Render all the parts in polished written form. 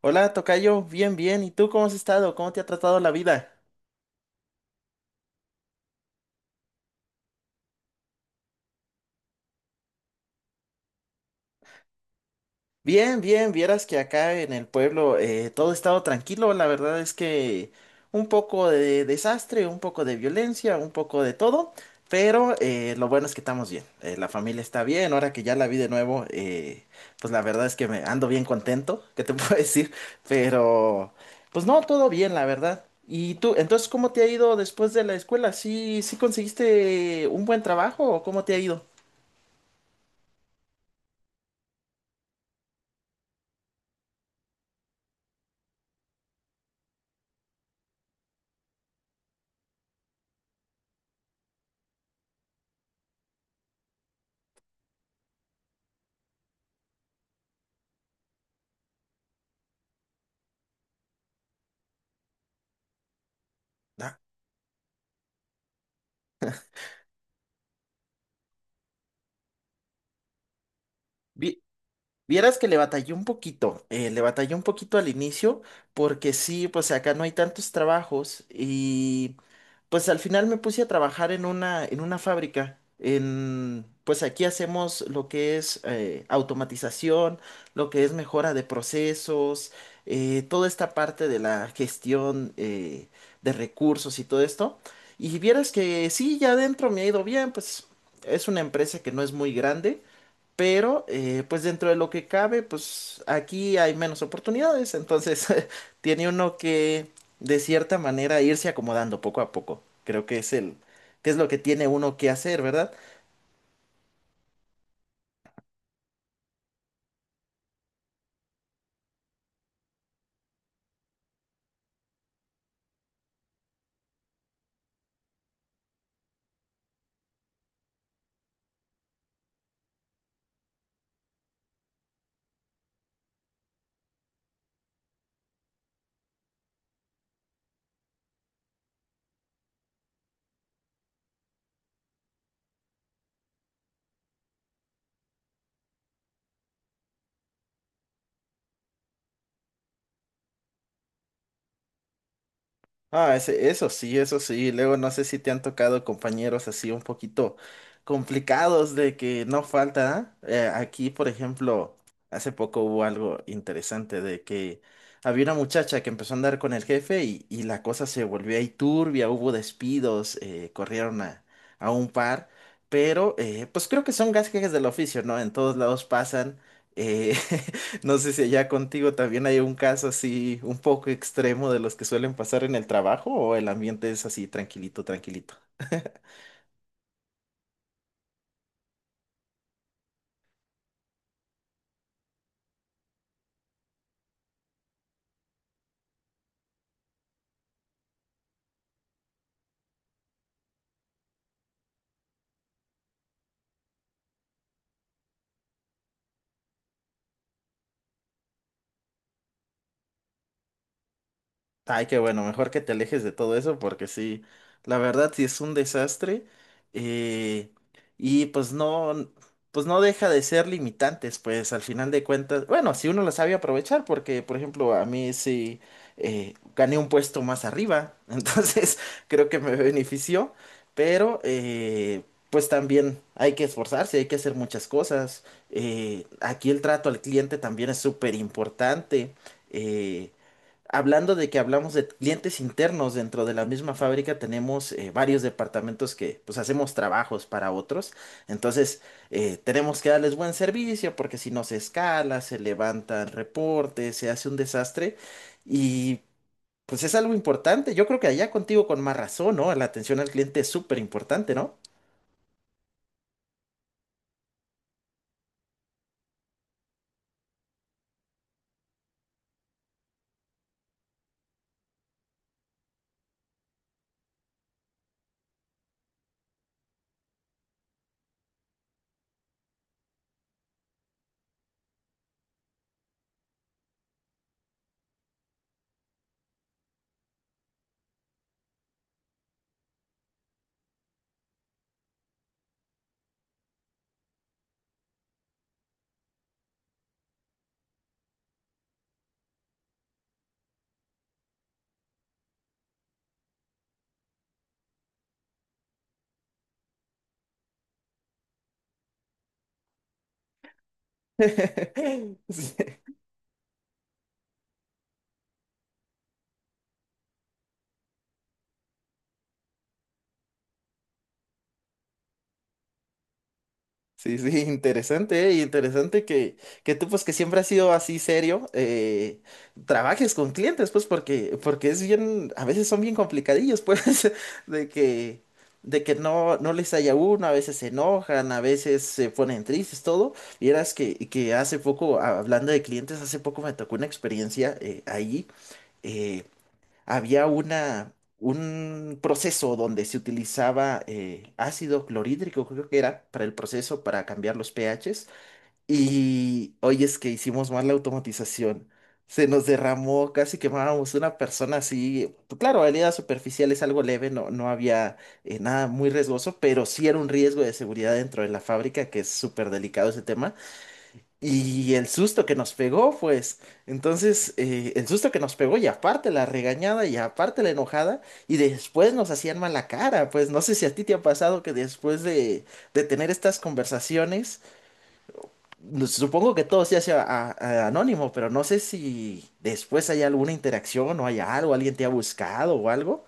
Hola, tocayo, bien, bien. ¿Y tú cómo has estado? ¿Cómo te ha tratado la vida? Bien, bien. Vieras que acá en el pueblo todo ha estado tranquilo. La verdad es que un poco de desastre, un poco de violencia, un poco de todo. Pero lo bueno es que estamos bien. La familia está bien. Ahora que ya la vi de nuevo, pues la verdad es que me ando bien contento. ¿Qué te puedo decir? Pero, pues no, todo bien, la verdad. ¿Y tú, entonces, cómo te ha ido después de la escuela? ¿Sí, conseguiste un buen trabajo o cómo te ha ido? Ah, vi- Vieras que le batallé un poquito, le batallé un poquito al inicio, porque sí, pues acá no hay tantos trabajos y pues al final me puse a trabajar en una fábrica. En, pues aquí hacemos lo que es automatización, lo que es mejora de procesos, toda esta parte de la gestión de recursos y todo esto. Y vieras que sí, ya adentro me ha ido bien, pues es una empresa que no es muy grande. Pero, pues dentro de lo que cabe, pues aquí hay menos oportunidades, entonces tiene uno que, de cierta manera, irse acomodando poco a poco. Creo que que es lo que tiene uno que hacer, ¿verdad? Ah, eso sí, eso sí. Luego no sé si te han tocado compañeros así un poquito complicados de que no falta. ¿Eh? Aquí, por ejemplo, hace poco hubo algo interesante de que había una muchacha que empezó a andar con el jefe y la cosa se volvió ahí turbia, hubo despidos, corrieron a un par, pero pues creo que son gajes del oficio, ¿no? En todos lados pasan. eh, No sé si allá contigo también hay un caso así un poco extremo de los que suelen pasar en el trabajo o el ambiente es así tranquilito, tranquilito. Ay, qué bueno, mejor que te alejes de todo eso porque sí, la verdad sí es un desastre eh, y pues no deja de ser limitantes, pues al final de cuentas, bueno, si uno lo sabe aprovechar porque, por ejemplo, a mí sí gané un puesto más arriba, entonces creo que me benefició, pero pues también hay que esforzarse, hay que hacer muchas cosas, aquí el trato al cliente también es súper importante. Hablando de que hablamos de clientes internos dentro de la misma fábrica, tenemos varios departamentos que pues hacemos trabajos para otros. Entonces, tenemos que darles buen servicio porque si no se escala, se levantan reportes, se hace un desastre y pues es algo importante. Yo creo que allá contigo con más razón, ¿no? La atención al cliente es súper importante, ¿no? Sí. Sí, sí, interesante, ¿eh? Y interesante que tú, pues, que siempre has sido así serio, trabajes con clientes, pues, porque, porque es bien, a veces son bien complicadillos, pues, de que, de que no, no les haya uno, a veces se enojan, a veces se ponen tristes, todo. Vieras que hace poco, hablando de clientes, hace poco me tocó una experiencia ahí. eh, Había un proceso donde se utilizaba ácido clorhídrico, creo que era, para el proceso, para cambiar los pHs. Y hoy es que hicimos mal la automatización. Se nos derramó, casi quemábamos una persona así, pues. Claro, heridas superficiales, algo leve, no, no había nada muy riesgoso, pero sí era un riesgo de seguridad dentro de la fábrica, que es súper delicado ese tema. Y el susto que nos pegó, pues. Entonces, el susto que nos pegó, y aparte la regañada, y aparte la enojada, y después nos hacían mala cara. Pues no sé si a ti te ha pasado que después de tener estas conversaciones, supongo que todo se hace anónimo, pero no sé si después hay alguna interacción o hay algo, alguien te ha buscado o algo.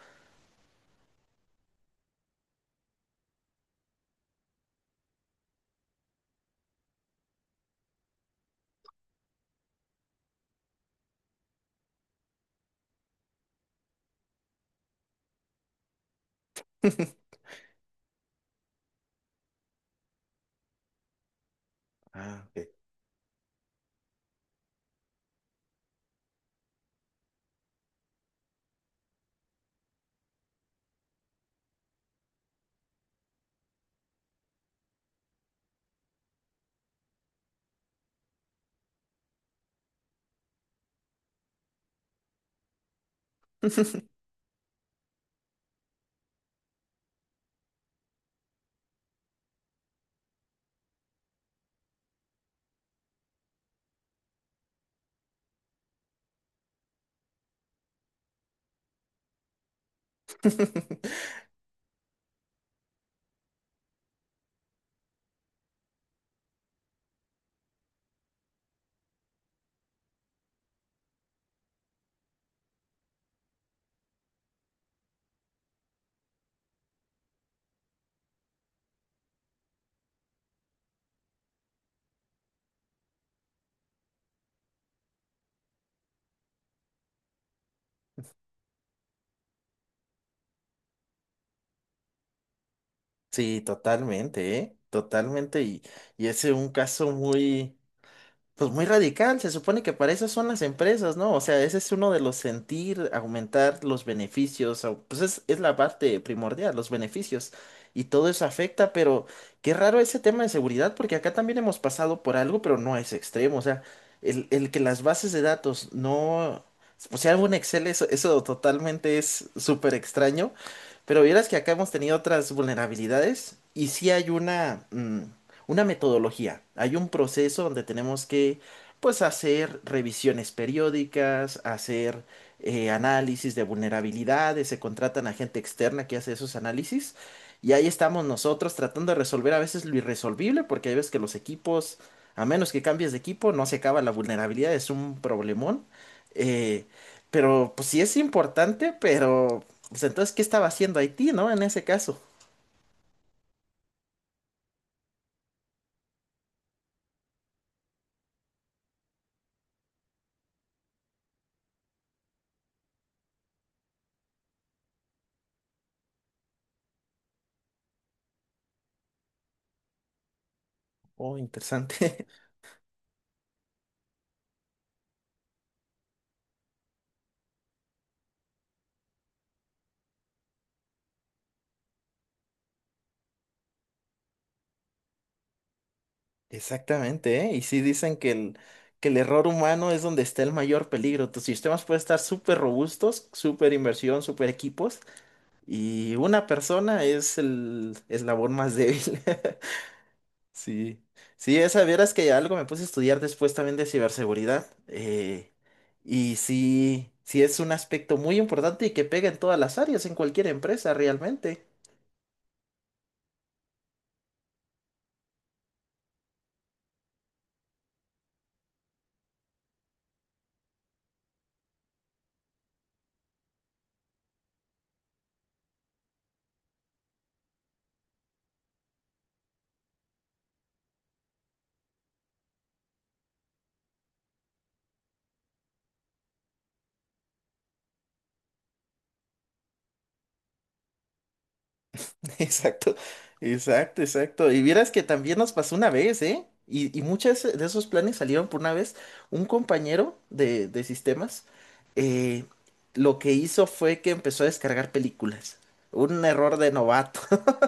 Ah, ok. Sí, totalmente, ¿eh? Totalmente. Y ese es un caso muy. Pues muy radical, se supone que para eso son las empresas, ¿no? O sea, ese es uno de los sentir, aumentar los beneficios, pues es la parte primordial, los beneficios, y todo eso afecta, pero qué raro ese tema de seguridad, porque acá también hemos pasado por algo, pero no es extremo, o sea, el que las bases de datos no, o sea, algo en Excel, eso totalmente es súper extraño, pero vieras que acá hemos tenido otras vulnerabilidades, y sí hay una una metodología. Hay un proceso donde tenemos que, pues, hacer revisiones periódicas, hacer análisis de vulnerabilidades, se contratan a gente externa que hace esos análisis. Y ahí estamos nosotros tratando de resolver a veces lo irresolvible, porque hay veces que los equipos, a menos que cambies de equipo, no se acaba la vulnerabilidad, es un problemón. Eh, pero pues sí es importante, pero pues entonces, ¿qué estaba haciendo Haití, no? En ese caso. Oh, interesante. Exactamente, ¿eh? Y sí dicen que el error humano es donde está el mayor peligro. Tus sistemas pueden estar súper robustos, súper inversión, súper equipos, y una persona es el eslabón más débil. Sí, sí, esa vieras que algo me puse a estudiar después también de ciberseguridad. Y sí, sí es un aspecto muy importante y que pega en todas las áreas, en cualquier empresa realmente. Exacto, exacto, exacto. Y vieras que también nos pasó una vez, ¿eh? Y muchos de esos planes salieron por una vez. Un compañero de sistemas eh, lo que hizo fue que empezó a descargar películas. Un error de novato.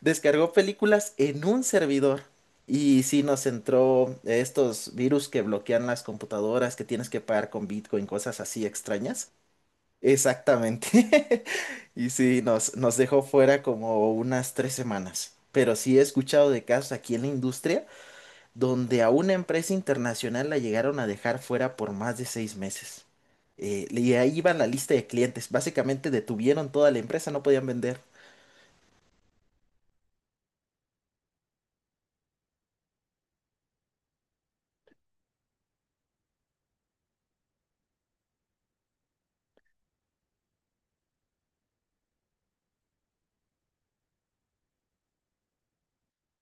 Descargó películas en un servidor. Y sí nos entró estos virus que bloquean las computadoras, que tienes que pagar con Bitcoin, cosas así extrañas. Exactamente. Y sí, nos, nos dejó fuera como unas 3 semanas. Pero sí he escuchado de casos aquí en la industria donde a una empresa internacional la llegaron a dejar fuera por más de 6 meses. Y ahí iba la lista de clientes. Básicamente detuvieron toda la empresa, no podían vender.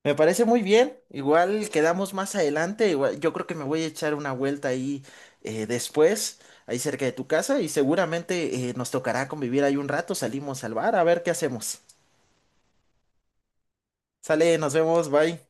Me parece muy bien. Igual quedamos más adelante. Igual, yo creo que me voy a echar una vuelta ahí después, ahí cerca de tu casa, y seguramente nos tocará convivir ahí un rato. Salimos al bar a ver qué hacemos. Sale, nos vemos, bye.